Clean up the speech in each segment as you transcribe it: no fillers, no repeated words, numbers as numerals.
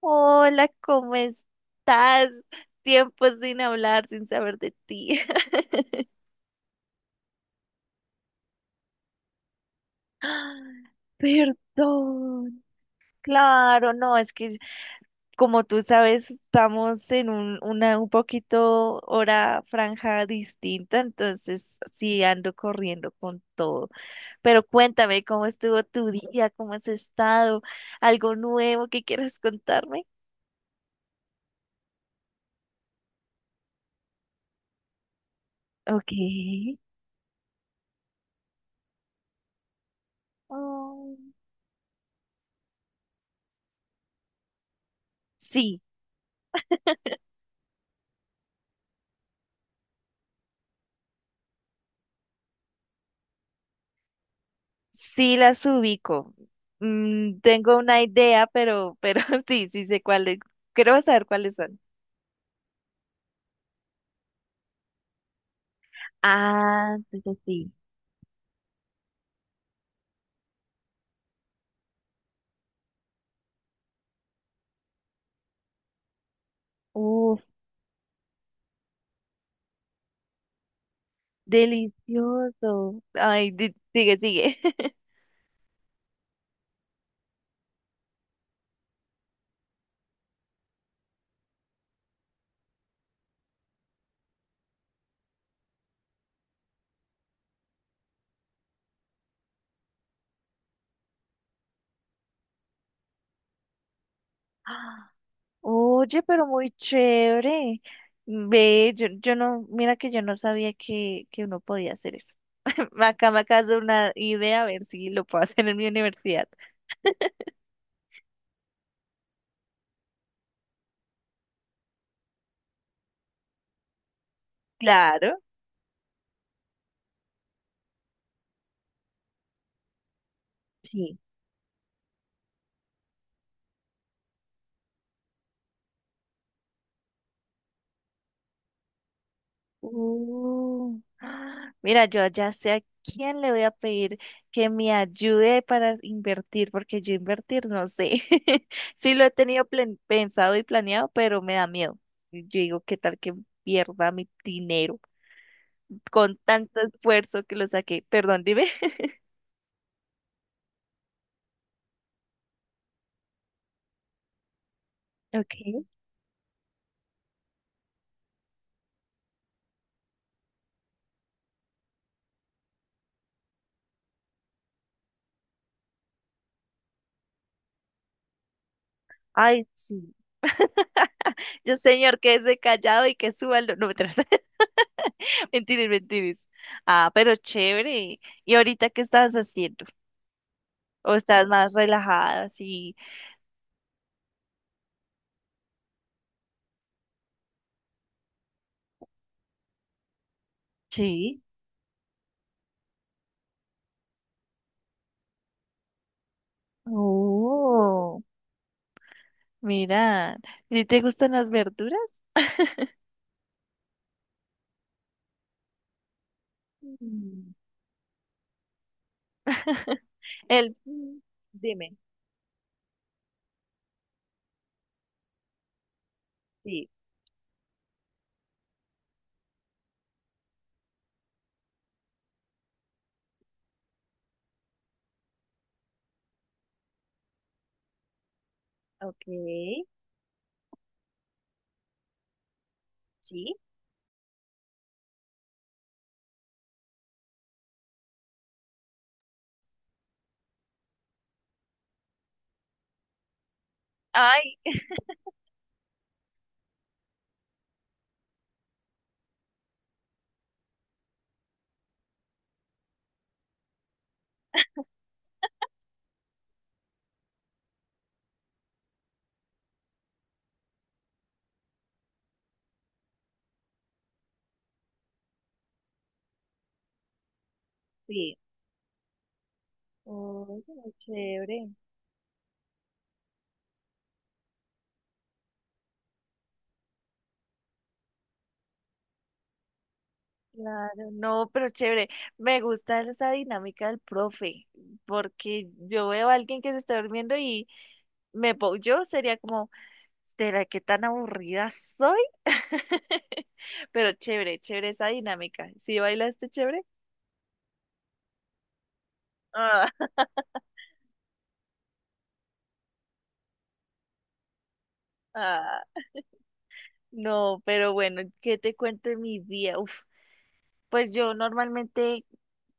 Hola, ¿cómo estás? Tiempo sin hablar, sin saber de ti. Perdón, claro, no, es que como tú sabes, estamos en una un poquito hora franja distinta, entonces sí ando corriendo con todo. Pero cuéntame, ¿cómo estuvo tu día? ¿Cómo has estado? ¿Algo nuevo que quieras contarme? Ok. Oh, sí. Sí las ubico. Mm, tengo una idea, pero sí, sí sé cuáles. Quiero saber cuáles son. Ah, sí, sí, sí. Uf, delicioso. Ay, sigue, sigue. Ah, oye, pero muy chévere. Ve, yo no, mira que yo no sabía que uno podía hacer eso. Acá me acabas de dar una idea, a ver si lo puedo hacer en mi universidad. Claro. Sí. Ah, mira, yo ya sé a quién le voy a pedir que me ayude para invertir, porque yo invertir no sé. Sí lo he tenido pensado y planeado, pero me da miedo. Yo digo, ¿qué tal que pierda mi dinero con tanto esfuerzo que lo saqué? Perdón, dime. Okay. Ay, sí. Yo, señor, quédese callado y que suba no, mentiras. Mentiras, mentiras. Ah, pero chévere. ¿Y ahorita qué estabas haciendo? O estás más relajada, así. Sí. Oh, mira, ¿sí te gustan las verduras? Mm, El, mm, dime. Sí, ok, sí. Ay, sí. Oh, chévere. Claro, no, pero chévere. Me gusta esa dinámica del profe, porque yo veo a alguien que se está durmiendo y yo sería como ¿será que tan aburrida soy? Pero chévere, chévere esa dinámica. ¿Sí bailaste chévere? Ah, ah, no, pero bueno, ¿qué te cuento de mi día? Uf, pues yo normalmente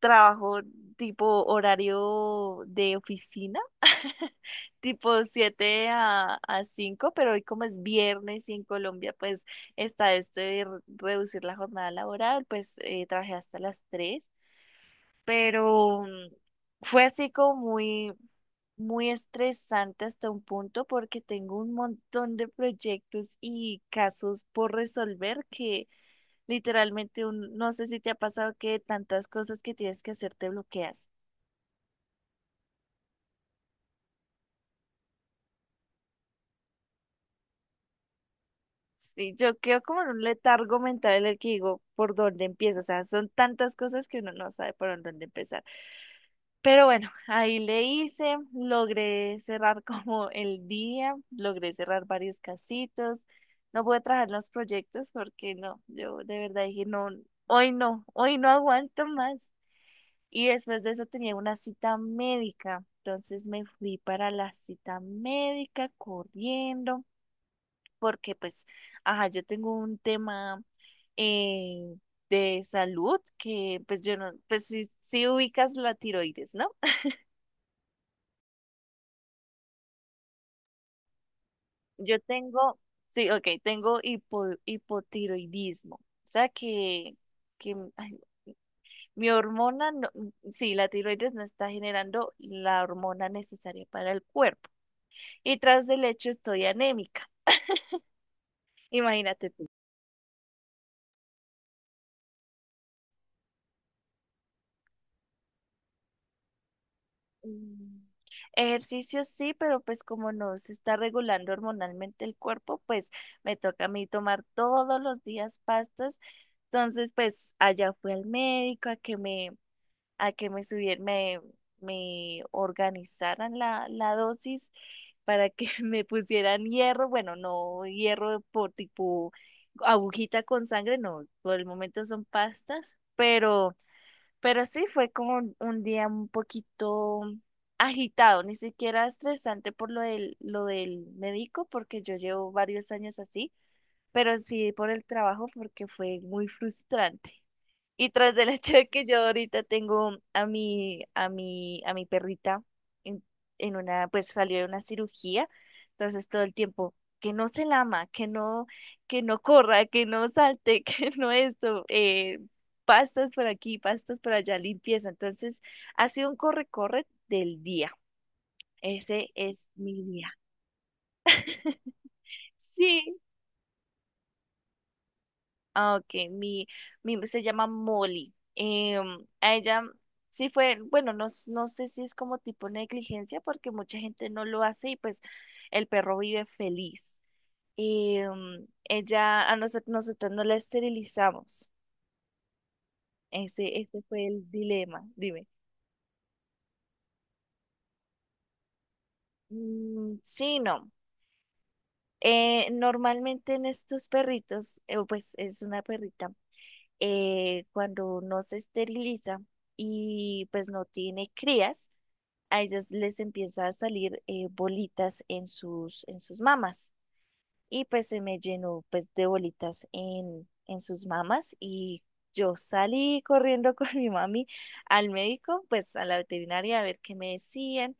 trabajo tipo horario de oficina, tipo 7 a 5. Pero hoy como es viernes y en Colombia pues está esto de reducir la jornada laboral, pues trabajé hasta las 3. Pero mm, fue así como muy estresante hasta un punto porque tengo un montón de proyectos y casos por resolver que literalmente no sé si te ha pasado que tantas cosas que tienes que hacer te bloqueas. Sí, yo quedo como en un letargo mental en el que digo por dónde empiezo, o sea, son tantas cosas que uno no sabe por dónde empezar. Pero bueno, ahí le hice, logré cerrar como el día, logré cerrar varios casitos. No pude trabajar los proyectos porque no, yo de verdad dije, no, hoy no, hoy no aguanto más. Y después de eso tenía una cita médica, entonces me fui para la cita médica corriendo, porque pues, ajá, yo tengo un tema eh, de salud que pues yo no, pues si ubicas la tiroides, ¿no? Yo tengo, sí, ok, tengo hipotiroidismo. O sea que ay, mi hormona, no, sí, la tiroides no está generando la hormona necesaria para el cuerpo. Y tras del hecho estoy anémica. Imagínate tú. Mm, ejercicio sí, pero pues como no se está regulando hormonalmente el cuerpo, pues me toca a mí tomar todos los días pastas. Entonces, pues allá fui al médico a que me subieran, me organizaran la dosis para que me pusieran hierro, bueno, no hierro por tipo agujita con sangre, no, por el momento son pastas, pero sí fue como un día un poquito agitado, ni siquiera estresante por lo del médico, porque yo llevo varios años así, pero sí por el trabajo, porque fue muy frustrante. Y tras del hecho de que yo ahorita tengo a mi perrita en, en una, pues salió de una cirugía, entonces todo el tiempo, que no se lama, que no, que no corra, que no salte, que no esto, pastas por aquí, pastas por allá, limpieza. Entonces, ha sido un corre-corre del día. Ese es mi día. Sí, ah, ok, mi se llama Molly. Em, a ella sí fue, bueno, no, no sé si es como tipo negligencia, porque mucha gente no lo hace y pues el perro vive feliz. Em, ella, nosotros no la esterilizamos. Ese fue el dilema, dime. Mm, sí, no. Normalmente en estos perritos, pues es una perrita. Eh, cuando no se esteriliza y pues no tiene crías, a ellas les empieza a salir bolitas en sus mamas. Y pues se me llenó pues de bolitas en sus mamas y yo salí corriendo con mi mami al médico, pues a la veterinaria a ver qué me decían,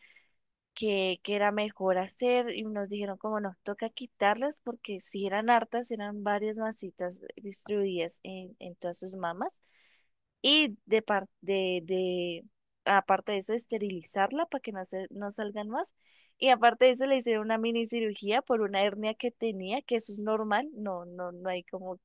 qué era mejor hacer y nos dijeron como no, toca quitarlas porque si eran hartas, eran varias masitas distribuidas en todas sus mamas. Y de, par- de- aparte de eso, esterilizarla para que no salgan más. Y aparte de eso, le hicieron una mini cirugía por una hernia que tenía, que eso es normal, no hay como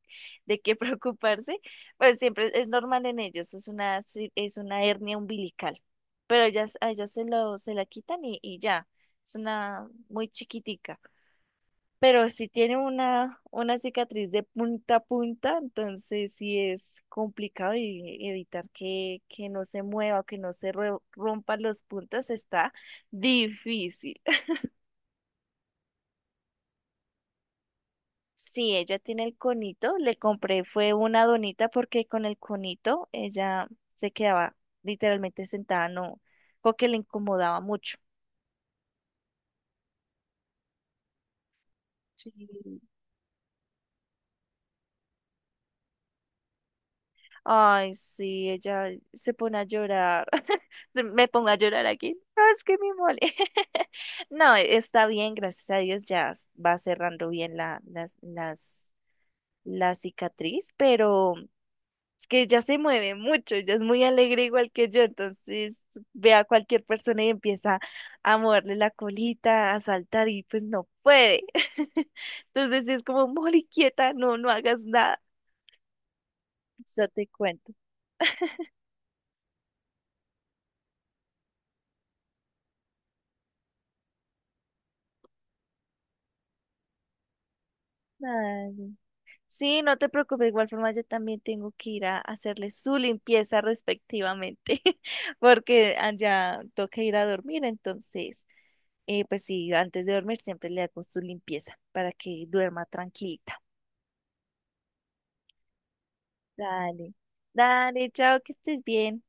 de qué preocuparse, pero siempre es normal en ellos, es es una hernia umbilical. Pero ellas, a ellos se lo, se la quitan y ya, es una muy chiquitica pero si tiene una cicatriz de punta a punta, entonces sí es complicado y evitar que no se mueva, que no se rompan los puntos está difícil. Sí, ella tiene el conito, le compré fue una donita porque con el conito ella se quedaba literalmente sentada, no, porque le incomodaba mucho. Sí, ay, sí, ella se pone a llorar. Me pongo a llorar aquí. No, es que mi mole. No, e, está bien, gracias a Dios, ya va cerrando bien la cicatriz, pero es que ella se mueve mucho, ella es muy alegre igual que yo, entonces ve a cualquier persona y empieza a moverle la colita, a saltar y pues no puede. Entonces sí es como, mole, quieta, no, no hagas nada. Eso te cuento. Ay, no. Sí, no te preocupes, de igual forma yo también tengo que ir a hacerle su limpieza respectivamente, porque ah, ya toca ir a dormir, entonces, pues sí, antes de dormir siempre le hago su limpieza para que duerma tranquilita. Dale, dale, chao, que estés bien.